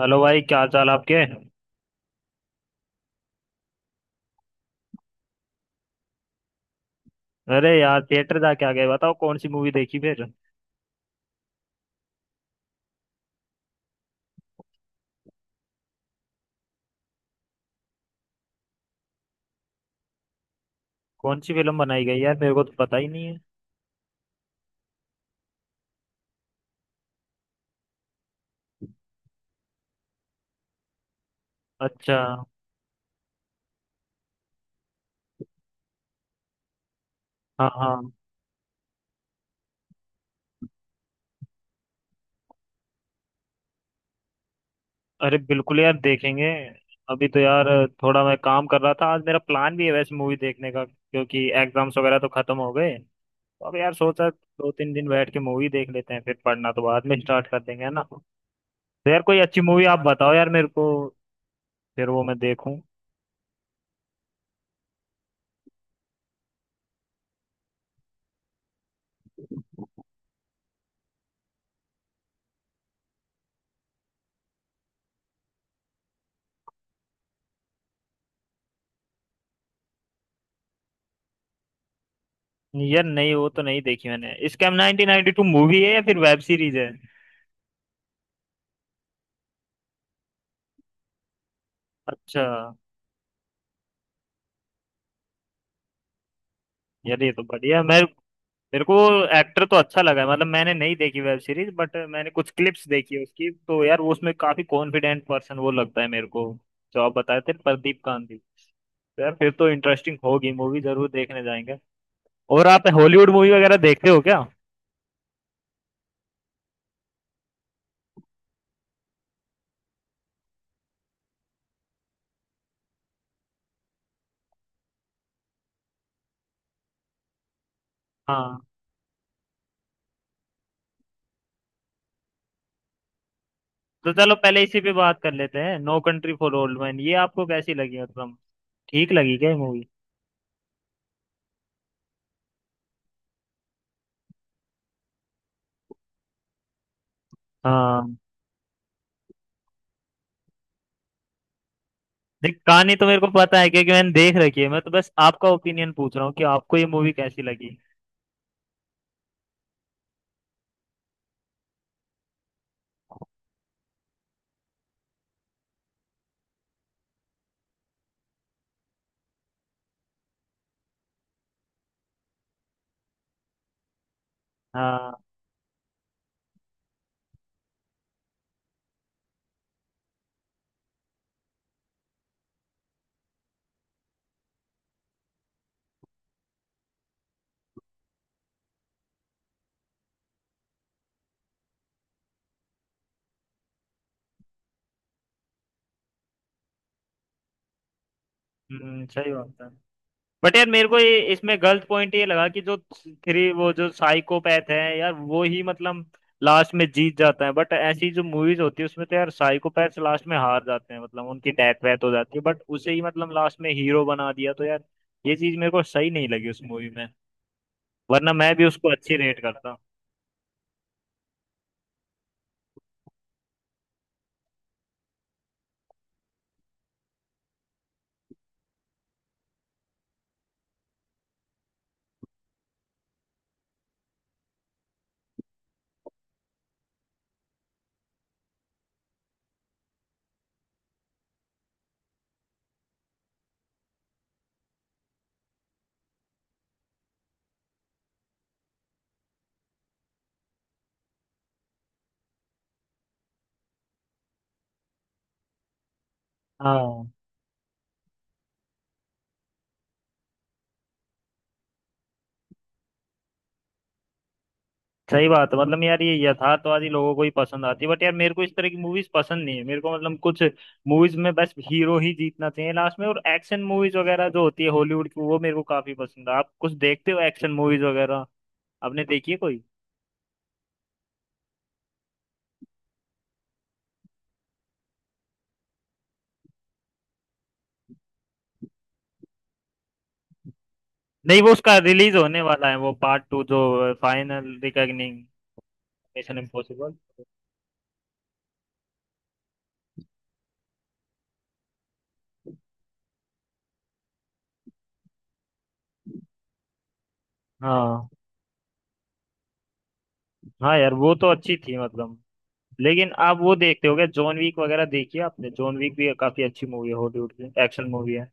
Hello भाई क्या हाल चाल आपके। अरे यार थिएटर जाके आ गए बताओ कौन सी मूवी देखी फिर। कौन सी फिल्म बनाई गई यार मेरे को तो पता ही नहीं है। अच्छा। हाँ हाँ। अरे बिल्कुल यार देखेंगे। अभी तो यार थोड़ा मैं काम कर रहा था। आज मेरा प्लान भी है वैसे मूवी देखने का क्योंकि एग्जाम्स वगैरह तो खत्म हो गए। तो अब यार सोचा दो तीन दिन बैठ के मूवी देख लेते हैं फिर पढ़ना तो बाद में स्टार्ट कर देंगे है ना। तो यार कोई अच्छी मूवी आप बताओ यार मेरे को। फिर वो मैं देखूं। यार नहीं वो तो नहीं देखी मैंने। स्कैम 1992 मूवी है या फिर वेब सीरीज है। अच्छा। यार ये तो बढ़िया। मैं मेरे को एक्टर तो अच्छा लगा है मतलब मैंने नहीं देखी वेब सीरीज बट मैंने कुछ क्लिप्स देखी है उसकी तो यार वो उसमें काफी कॉन्फिडेंट पर्सन वो लगता है मेरे को जो आप बताए थे प्रदीप कांति। तो यार फिर तो इंटरेस्टिंग होगी मूवी जरूर देखने जाएंगे। और आप हॉलीवुड मूवी वगैरह देखते हो क्या। हाँ। तो चलो पहले इसी पे बात कर लेते हैं no country for old man ये आपको कैसी लगी मतलब ठीक लगी क्या मूवी। हाँ। देख कहानी तो मेरे को पता है क्योंकि मैंने देख रखी है मैं तो बस आपका ओपिनियन पूछ रहा हूँ कि आपको ये मूवी कैसी लगी। हाँ। सही बात है। बट यार मेरे को ये इसमें गलत पॉइंट ये लगा कि जो थ्री वो जो साइकोपैथ है यार वो ही मतलब लास्ट में जीत जाता है बट ऐसी जो मूवीज होती है उसमें तो यार साइकोपैथ लास्ट में हार जाते हैं मतलब उनकी डेथ वेथ हो जाती है बट उसे ही मतलब लास्ट में हीरो बना दिया तो यार ये चीज मेरे को सही नहीं लगी उस मूवी में वरना मैं भी उसको अच्छी रेट करता। हाँ सही बात है मतलब यार ये यथार्थवादी लोगों को ही पसंद आती है बट यार मेरे को इस तरह की मूवीज पसंद नहीं है मेरे को मतलब कुछ मूवीज में बस हीरो ही जीतना चाहिए लास्ट में और एक्शन मूवीज वगैरह जो होती है हॉलीवुड की वो मेरे को काफी पसंद है। आप कुछ देखते हो एक्शन मूवीज वगैरह आपने देखी है कोई। नहीं वो उसका रिलीज होने वाला है वो पार्ट टू जो फाइनल रिकॉग्निंग मिशन इम्पॉसिबल। हाँ। हाँ यार वो तो अच्छी थी मतलब। लेकिन आप वो देखते हो क्या जॉन वीक वगैरह देखी है आपने। जॉन वीक भी काफी अच्छी मूवी है हॉलीवुड की एक्शन मूवी है।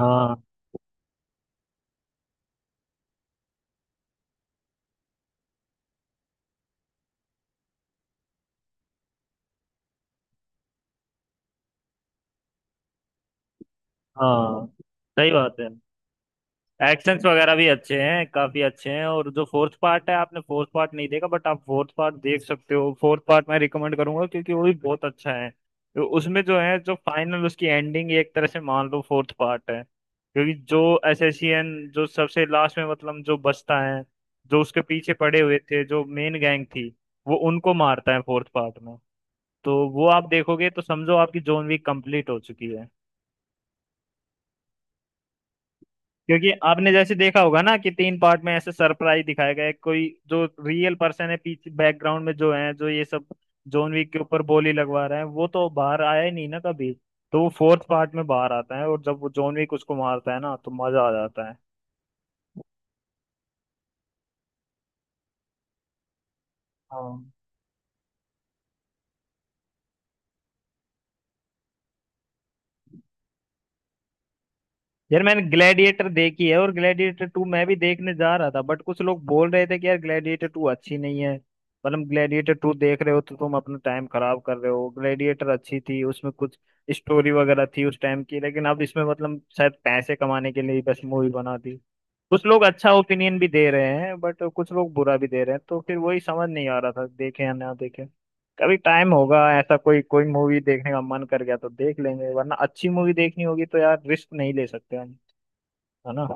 हाँ। हाँ सही बात है। एक्शंस वगैरह भी अच्छे हैं काफी अच्छे हैं। और जो फोर्थ पार्ट है आपने फोर्थ पार्ट नहीं देखा बट आप फोर्थ पार्ट देख सकते हो। फोर्थ पार्ट मैं रिकमेंड करूंगा क्योंकि वो भी बहुत अच्छा है। तो उसमें जो है जो फाइनल उसकी एंडिंग एक तरह से मान लो फोर्थ पार्ट है क्योंकि जो एसएससीएन जो सबसे लास्ट में मतलब जो बचता है जो उसके पीछे पड़े हुए थे जो मेन गैंग थी वो उनको मारता है फोर्थ पार्ट में। तो वो आप देखोगे तो समझो आपकी जॉन वीक कंप्लीट हो चुकी है। क्योंकि आपने जैसे देखा होगा ना कि तीन पार्ट में ऐसे सरप्राइज दिखाया गया है कोई जो रियल पर्सन है पीछे बैकग्राउंड में जो है जो ये सब जॉन विक के ऊपर गोली लगवा रहे हैं वो तो बाहर आया ही नहीं ना कभी। तो वो फोर्थ पार्ट में बाहर आता है और जब वो जॉन विक उसको मारता है ना तो मजा आ जाता है। हाँ। यार मैंने ग्लैडिएटर देखी है और ग्लैडिएटर टू मैं भी देखने जा रहा था बट कुछ लोग बोल रहे थे कि यार ग्लैडिएटर टू अच्छी नहीं है मतलब ग्लैडिएटर टू देख रहे हो तो तुम अपना टाइम खराब कर रहे हो। ग्लैडिएटर अच्छी थी उसमें कुछ स्टोरी वगैरह थी उस टाइम की लेकिन अब इसमें मतलब शायद पैसे कमाने के लिए ही बस मूवी बना दी। कुछ लोग अच्छा ओपिनियन भी दे रहे हैं बट कुछ लोग बुरा भी दे रहे हैं तो फिर वही समझ नहीं आ रहा था देखे या ना देखे। कभी टाइम होगा ऐसा कोई कोई मूवी देखने का मन कर गया तो देख लेंगे वरना अच्छी मूवी देखनी होगी तो यार रिस्क नहीं ले सकते हम है ना।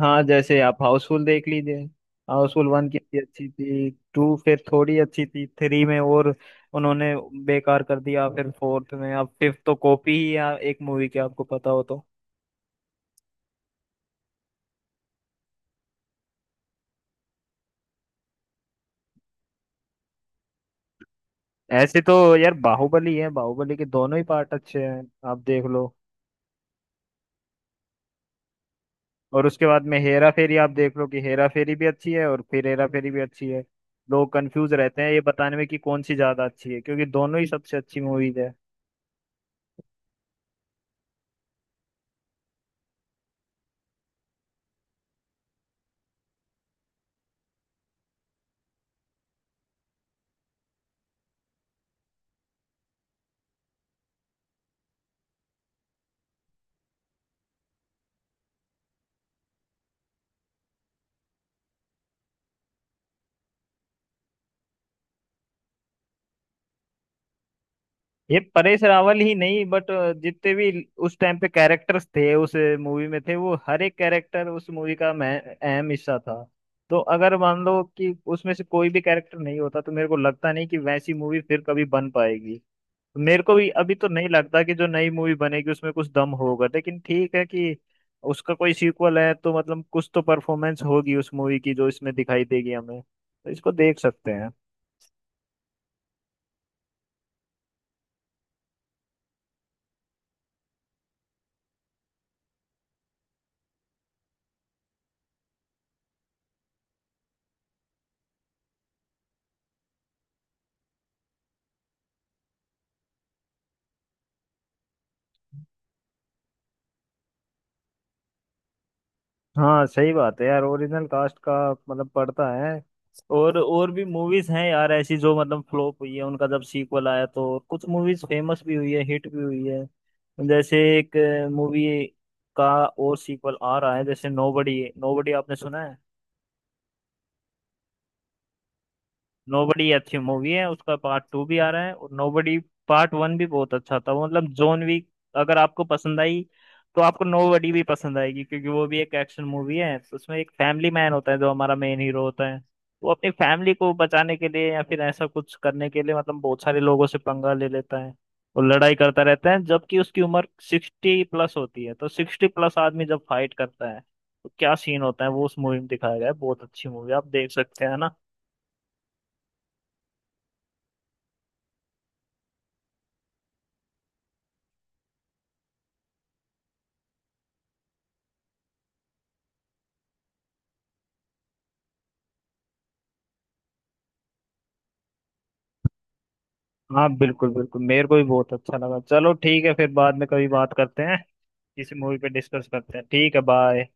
हाँ जैसे आप हाउसफुल देख लीजिए। हाउसफुल वन कितनी अच्छी थी टू फिर थोड़ी अच्छी थी थ्री में और उन्होंने बेकार कर दिया फिर फोर्थ में। अब फिफ्थ तो कॉपी ही है एक मूवी की आपको पता हो तो। ऐसे तो यार बाहुबली है बाहुबली के दोनों ही पार्ट अच्छे हैं आप देख लो। और उसके बाद में हेरा फेरी आप देख लो कि हेरा फेरी भी अच्छी है और फिर हेरा फेरी भी अच्छी है। लोग कंफ्यूज रहते हैं ये बताने में कि कौन सी ज्यादा अच्छी है क्योंकि दोनों ही सबसे अच्छी मूवीज है। ये परेश रावल ही नहीं बट जितने भी उस टाइम पे कैरेक्टर्स थे उस मूवी में थे वो हर एक कैरेक्टर उस मूवी का मैं अहम हिस्सा था। तो अगर मान लो कि उसमें से कोई भी कैरेक्टर नहीं होता तो मेरे को लगता नहीं कि वैसी मूवी फिर कभी बन पाएगी। मेरे को भी अभी तो नहीं लगता कि जो नई मूवी बनेगी उसमें कुछ दम होगा लेकिन ठीक है कि उसका कोई सीक्वल है तो मतलब कुछ तो परफॉर्मेंस होगी उस मूवी की जो इसमें दिखाई देगी हमें तो इसको देख सकते हैं। हाँ सही बात है यार ओरिजिनल कास्ट का मतलब पड़ता है। और भी मूवीज हैं यार ऐसी जो मतलब फ्लॉप हुई है उनका जब सीक्वल आया तो कुछ मूवीज फेमस भी हुई है हिट भी हुई है। जैसे एक मूवी का और सीक्वल आ रहा है जैसे नोबडी। नोबडी आपने सुना है। नोबडी अच्छी मूवी है उसका पार्ट टू भी आ रहा है। और नोबडी पार्ट वन भी बहुत अच्छा था मतलब जॉन विक अगर आपको पसंद आई तो आपको नोबडी भी पसंद आएगी क्योंकि वो भी एक एक्शन मूवी है। तो उसमें एक फैमिली मैन होता है जो हमारा मेन हीरो होता है वो अपनी फैमिली को बचाने के लिए या फिर ऐसा कुछ करने के लिए मतलब बहुत सारे लोगों से पंगा ले लेता है और लड़ाई करता रहता है जबकि उसकी उम्र 60+ होती है। तो 60+ आदमी जब फाइट करता है तो क्या सीन होता है वो उस मूवी में दिखाया गया है। बहुत अच्छी मूवी आप देख सकते हैं ना। हाँ बिल्कुल बिल्कुल मेरे को भी बहुत अच्छा लगा। चलो ठीक है फिर बाद में कभी बात करते हैं किसी मूवी पे डिस्कस करते हैं ठीक है। बाय।